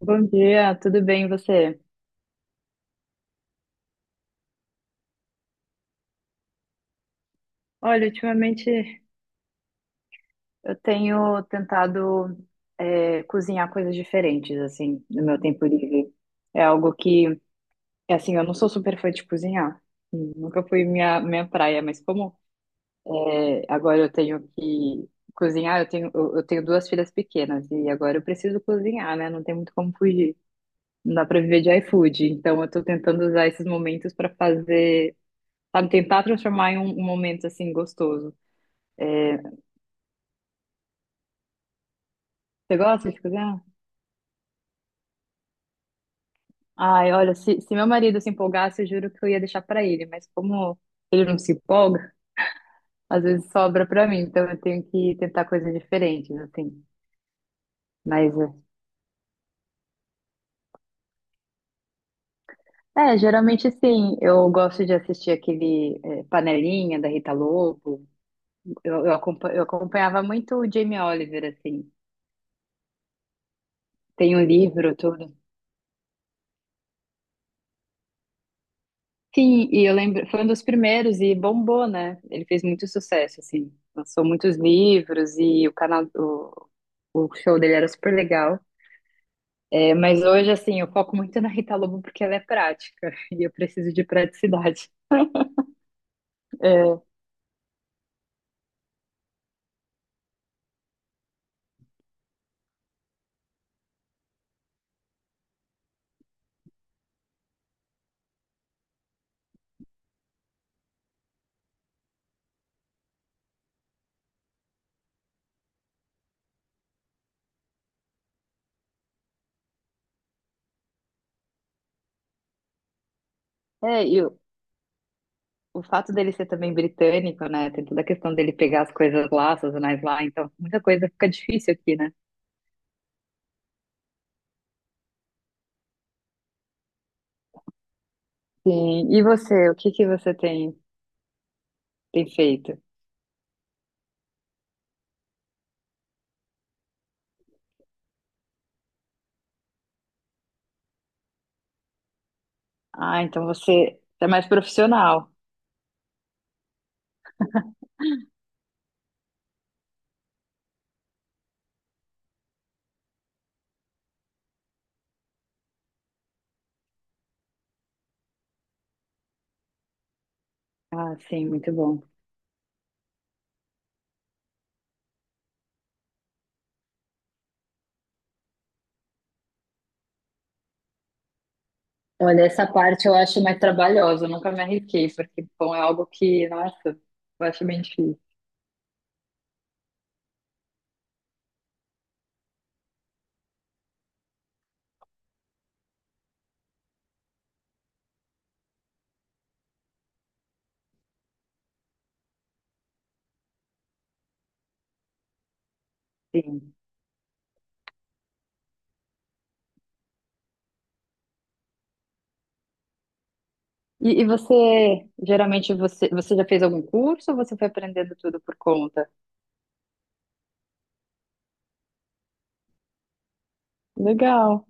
Bom dia, tudo bem e você? Olha, ultimamente eu tenho tentado cozinhar coisas diferentes, assim, no meu tempo livre. É algo que, assim, eu não sou super fã de cozinhar. Nunca foi minha praia, mas como agora eu tenho que cozinhar, eu tenho duas filhas pequenas e agora eu preciso cozinhar, né? Não tem muito como fugir. Não dá pra viver de iFood. Então eu tô tentando usar esses momentos pra fazer, sabe, tentar transformar em um momento, assim, gostoso. É, Você gosta de cozinhar? Ai, olha, se meu marido se empolgasse, eu juro que eu ia deixar pra ele, mas como ele não se empolga, às vezes sobra pra mim, então eu tenho que tentar coisas diferentes, assim. Mas, geralmente sim, eu gosto de assistir aquele Panelinha da Rita Lobo. Eu acompanhava muito o Jamie Oliver, assim. Tem um livro, tudo. Sim, e eu lembro, foi um dos primeiros e bombou, né? Ele fez muito sucesso, assim. Lançou muitos livros e o show dele era super legal. É, mas hoje, assim, eu foco muito na Rita Lobo porque ela é prática e eu preciso de praticidade. É, e o fato dele ser também britânico, né? Tem toda a questão dele pegar as coisas lá, as sazonais lá, então muita coisa fica difícil aqui, né? Sim. E você, o que que você tem, tem feito? Ah, então você é mais profissional. Ah, sim, muito bom. Olha, essa parte eu acho mais trabalhosa, eu nunca me arrisquei, porque pão é algo que, nossa, eu acho bem difícil. Sim. E você, geralmente, você já fez algum curso ou você foi aprendendo tudo por conta? Legal.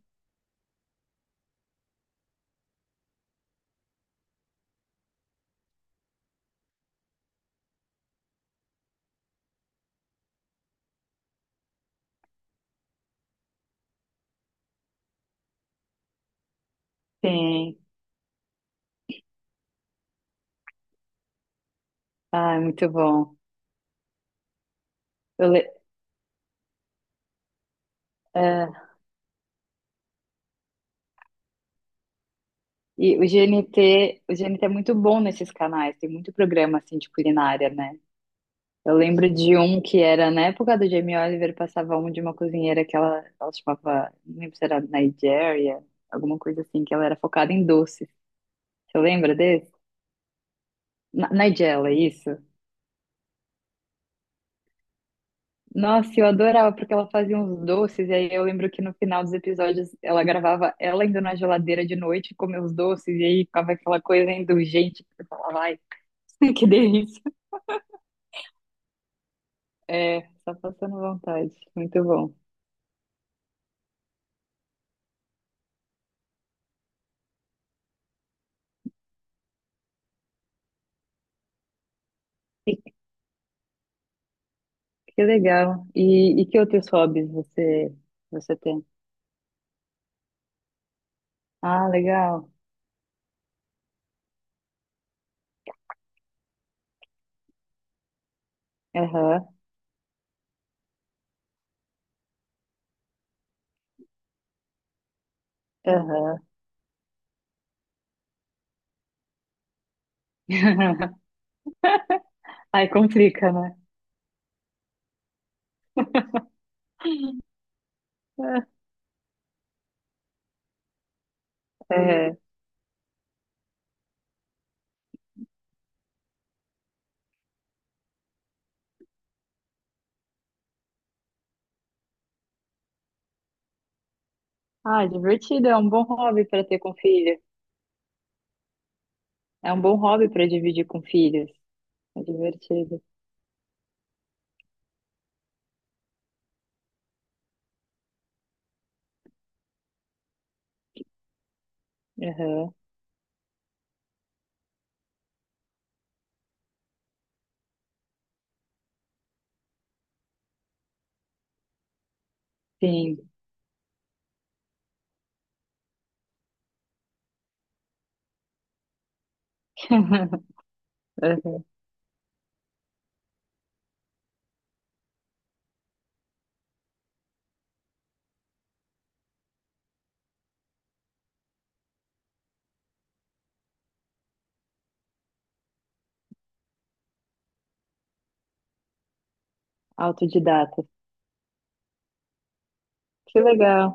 Sim. Ah, é muito bom. Eu, le- é, e o GNT, o GNT é muito bom nesses canais, tem muito programa, assim, de culinária, né? Eu lembro de um que era na época do Jamie Oliver, passava um de uma cozinheira que ela chamava, não lembro se era Nigeria, alguma coisa assim, que ela era focada em doces. Você lembra desse? Nigella, isso. Nossa, eu adorava porque ela fazia uns doces, e aí eu lembro que no final dos episódios ela gravava ela indo na geladeira de noite comer os doces, e aí ficava aquela coisa indulgente que eu falava, ai, que delícia. É, só passando vontade. Muito bom. Que legal. E que outros hobbies você tem? Ah, legal. Aham, aham. Aí complica, né? É. Ah, divertido. É um bom hobby para ter com filho. É um bom hobby para dividir com filhos. É divertido. Aham. Sim. Aham. Autodidata. Que legal.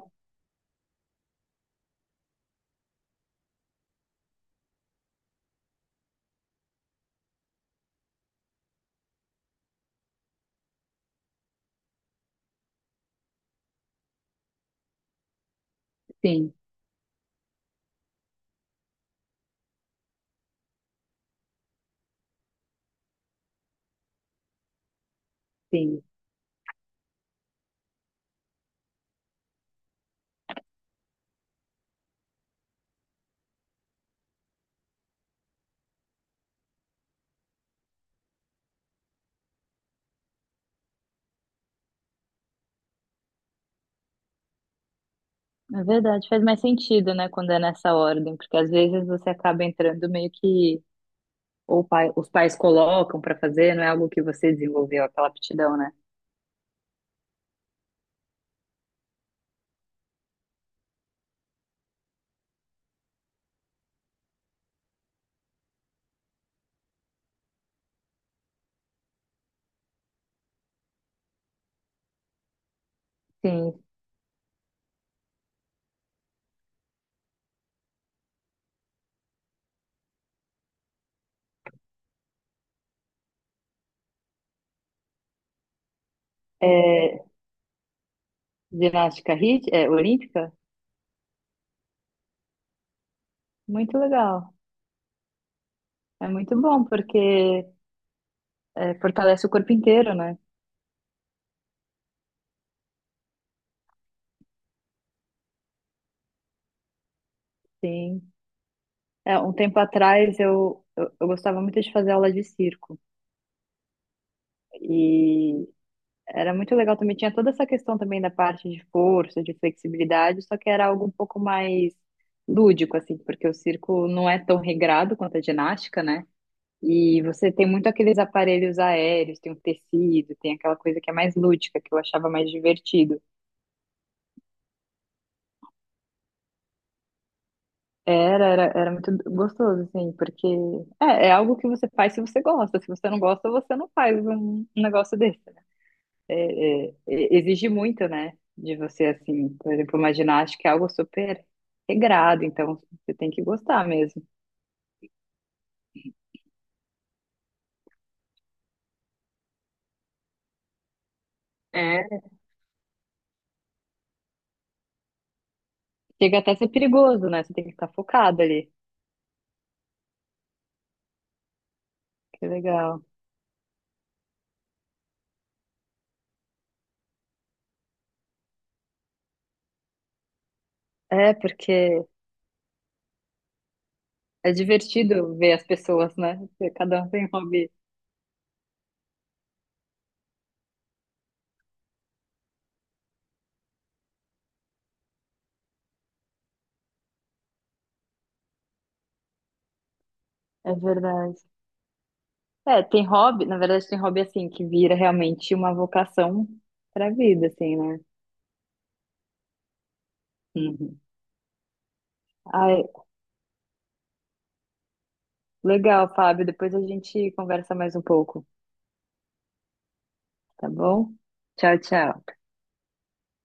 Sim, sim. É verdade. Faz mais sentido, né, quando é nessa ordem, porque às vezes você acaba entrando meio que ou os pais colocam para fazer, não é algo que você desenvolveu, aquela aptidão, né? Sim. É, olímpica? Muito legal. É muito bom, porque fortalece o corpo inteiro, né? Sim. É, um tempo atrás eu gostava muito de fazer aula de circo. E era muito legal também. Tinha toda essa questão também da parte de força, de flexibilidade, só que era algo um pouco mais lúdico, assim, porque o circo não é tão regrado quanto a ginástica, né? E você tem muito aqueles aparelhos aéreos, tem o tecido, tem aquela coisa que é mais lúdica, que eu achava mais divertido. Era muito gostoso, assim, porque é algo que você faz se você gosta. Se você não gosta, você não faz um negócio desse, né? Exige muito, né, de você, assim, por exemplo, uma ginástica é algo super regrado, então você tem que gostar mesmo. É. Chega até a ser perigoso, né? Você tem que estar focado ali. Que legal. É, porque é divertido ver as pessoas, né? Cada um tem um hobby. É verdade. É, tem hobby, na verdade, tem hobby assim, que vira realmente uma vocação pra vida, assim, né? Uhum. Ai, legal, Fábio. Depois a gente conversa mais um pouco, tá bom? Tchau, tchau.